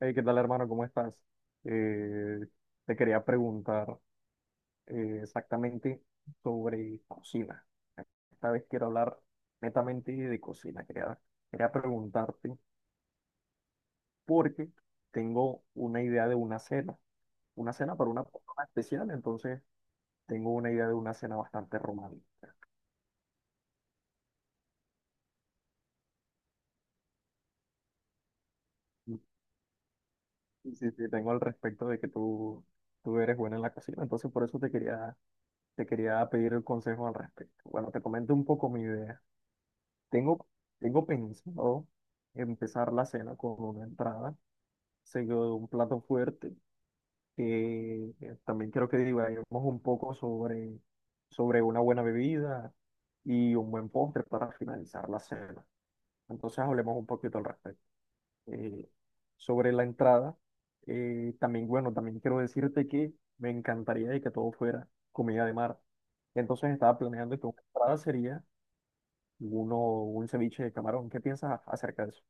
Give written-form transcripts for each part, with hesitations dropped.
Hey, ¿qué tal, hermano? ¿Cómo estás? Eh, Te quería preguntar exactamente sobre cocina. Esta vez quiero hablar netamente de cocina. Quería preguntarte porque tengo una idea de una cena para una persona especial. Entonces tengo una idea de una cena bastante romántica. Y y sí, sí, tengo al respecto de que tú eres buena en la cocina. Entonces por eso te te quería pedir el consejo al respecto. Bueno, te comento un poco mi idea. Tengo, Tengo pensado empezar la cena con una entrada, seguido de un plato fuerte, que también quiero que divaguemos un poco sobre una buena bebida y un buen postre para finalizar la cena. Entonces hablemos un poquito al respecto. Eh, Sobre la entrada, también, bueno, también quiero decirte que me encantaría de que todo fuera comida de mar. Entonces estaba planeando que una entrada sería uno, un ceviche de camarón. ¿Qué piensas acerca de eso?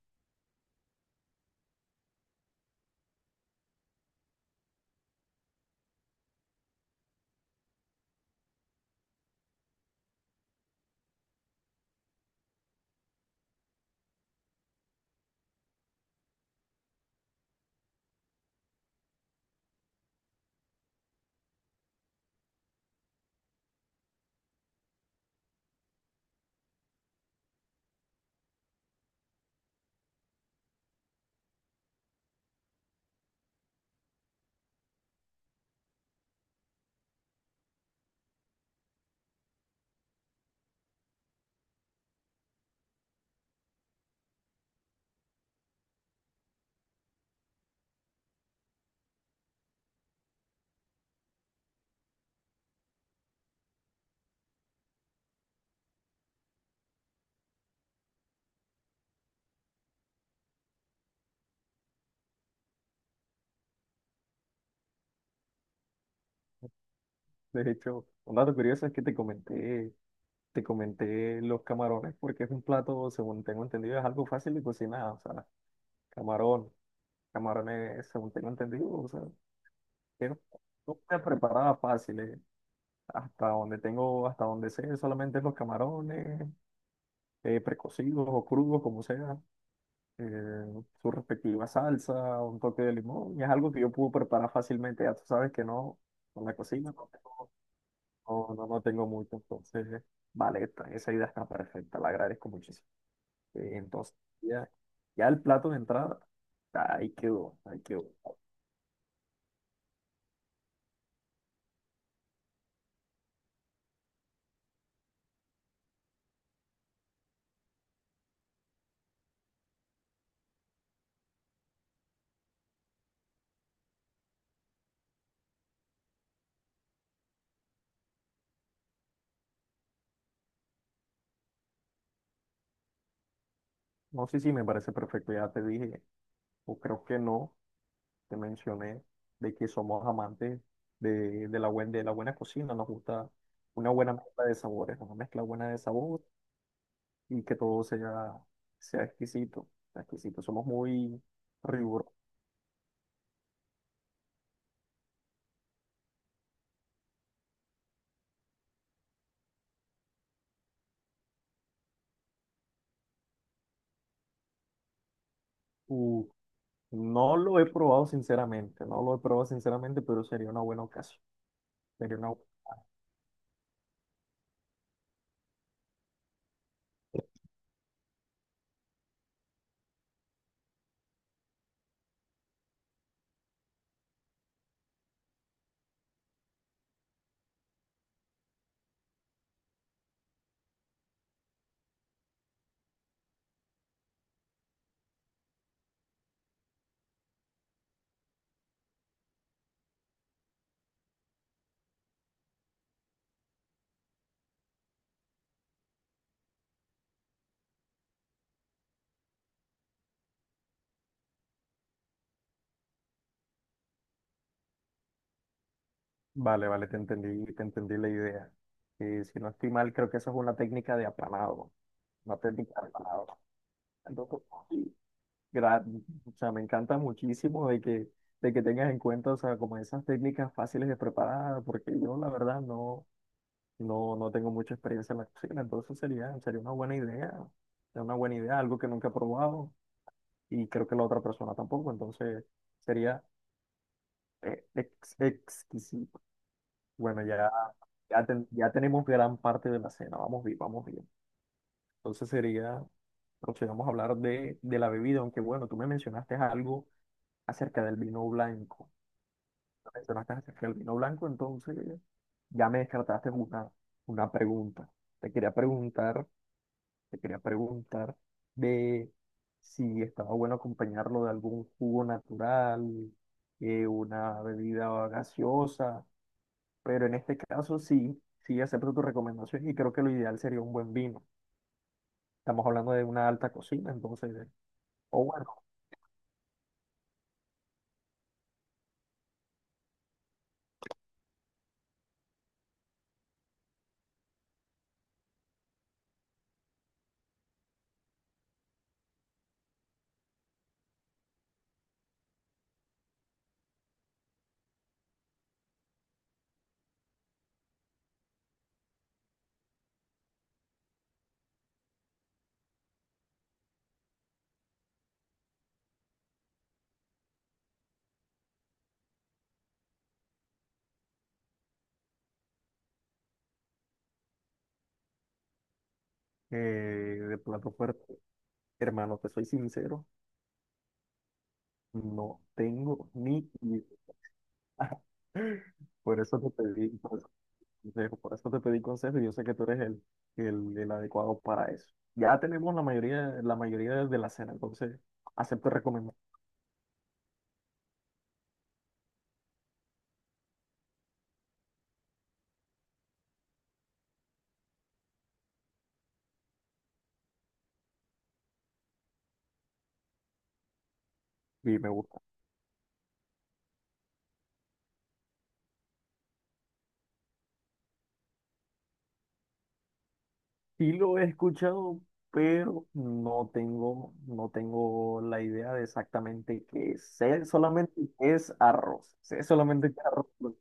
De hecho, un dato curioso es que te te comenté los camarones, porque es un plato, según tengo entendido, es algo fácil de cocinar. O sea, camarón, camarones, según tengo entendido, o sea, es una preparada fácil. Hasta donde hasta donde sé, solamente los camarones, precocidos o crudos, como sea, eh, su respectiva salsa, un toque de limón, y es algo que yo puedo preparar fácilmente. Ya tú sabes que no, con la cocina, no. No tengo mucho. Entonces, vale, esa idea está perfecta, la agradezco muchísimo. Entonces, ya, ya el plato de entrada, ahí quedó, ahí quedó. No sé si me parece perfecto, ya te dije, o creo que no, te mencioné de que somos amantes de de la buena cocina, nos gusta una buena mezcla de sabores, una mezcla buena de sabor y que todo sea exquisito, sea exquisito. Somos muy rigurosos. No lo he probado sinceramente, no lo he probado sinceramente, pero sería una buena ocasión. Sería una... Vale, te te entendí la idea. Si no estoy mal, creo que esa es una técnica de apanado, una técnica de apanado. Entonces, sí, gra- o sea, me encanta muchísimo de de que tengas en cuenta, o sea, como esas técnicas fáciles de preparar, porque yo la verdad no, no tengo mucha experiencia en la cocina. Entonces sería una buena idea, sería una buena idea, algo que nunca he probado. Y creo que la otra persona tampoco, entonces sería exquisito. Bueno, ya, ya, ya tenemos gran parte de la cena, vamos bien, vamos bien. Entonces sería, procedamos a hablar de la bebida, aunque bueno, tú me mencionaste algo acerca del vino blanco. Me Mencionaste acerca del vino blanco, entonces ya me descartaste una pregunta. Te quería preguntar. Te quería preguntar de si estaba bueno acompañarlo de algún jugo natural, una bebida gaseosa, pero en este caso sí, sí acepto tu recomendación y creo que lo ideal sería un buen vino. Estamos hablando de una alta cocina. Entonces, o bueno, de plato fuerte. Hermano, te soy sincero, no tengo ni idea. Por eso te pedí. Entonces, por eso te pedí consejo y yo sé que tú eres el adecuado para eso. Ya tenemos la mayoría de la cena, entonces acepto recomendar y me gusta. Sí lo he escuchado, pero no no tengo la idea de exactamente qué es. Sé solamente que es arroz. Sé solamente que es arroz. Bueno,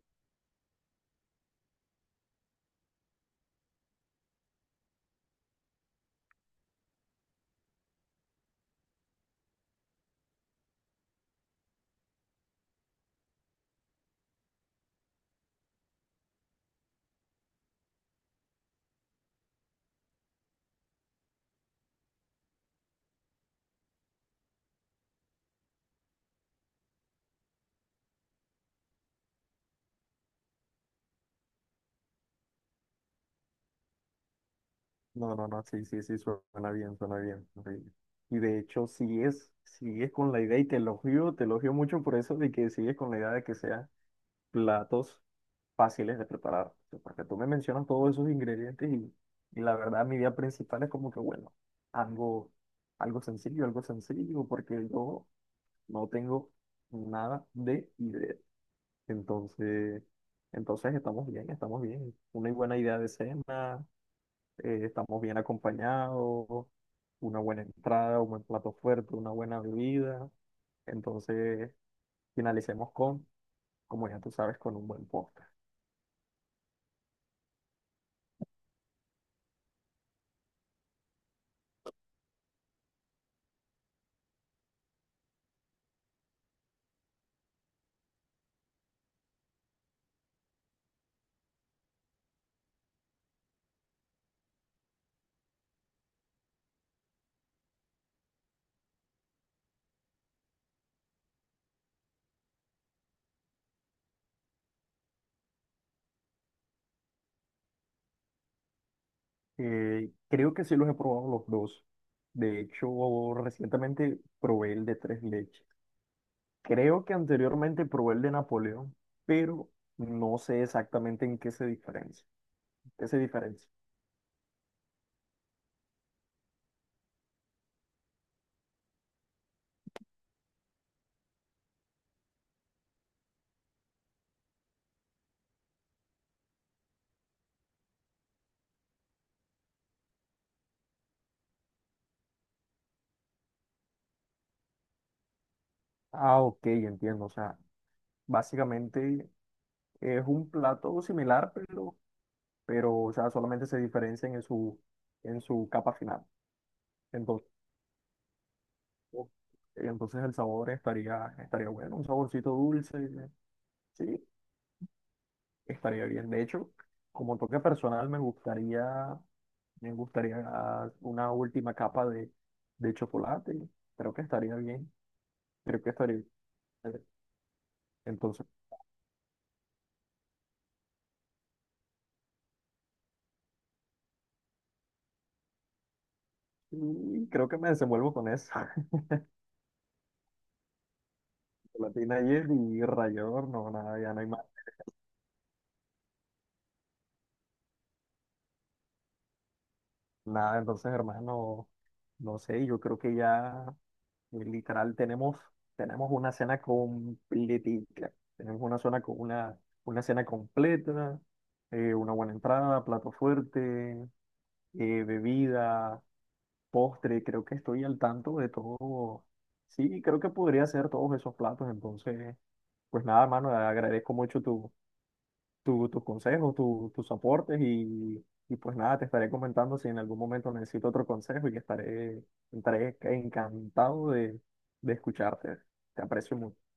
no, no, no, sí, sí, sí, suena bien, suena bien, sí. Y de hecho, si si es con la idea y te te elogio mucho por eso de que sigues con la idea de que sea platos fáciles de preparar. O sea, porque tú me mencionas todos esos ingredientes y la verdad mi idea principal es como que, bueno, algo, algo sencillo, porque yo no tengo nada de idea. Entonces, entonces estamos bien, estamos bien. Una buena idea de cena, estamos bien acompañados, una buena entrada, un buen plato fuerte, una buena bebida. Entonces, finalicemos con, como ya tú sabes, con un buen postre. Creo que sí los he probado los dos. De hecho, recientemente probé el de tres leches. Creo que anteriormente probé el de Napoleón, pero no sé exactamente en qué se diferencia. ¿Qué se diferencia? Ah, ok, entiendo. O sea, básicamente es un plato similar, pero o sea, solamente se diferencian en en su capa final. Entonces, entonces el sabor estaría, estaría bueno, un saborcito dulce. Sí, estaría bien. De hecho, como toque personal, me me gustaría una última capa de chocolate. Creo que estaría bien. Creo que estaría bien. Entonces, y creo que me desenvuelvo con eso. Chocolatina ayer y rallador, no, nada, ya no hay más. Nada, entonces, hermano, no sé, yo creo que ya literal tenemos una cena completica. Tenemos una zona con una cena completa, una buena entrada, plato fuerte, bebida, postre, creo que estoy al tanto de todo. Sí, creo que podría hacer todos esos platos. Entonces, pues nada, mano, agradezco mucho tus consejos, tus aportes y pues nada, te estaré comentando si en algún momento necesito otro consejo y estaré encantado de escucharte. Te aprecio mucho.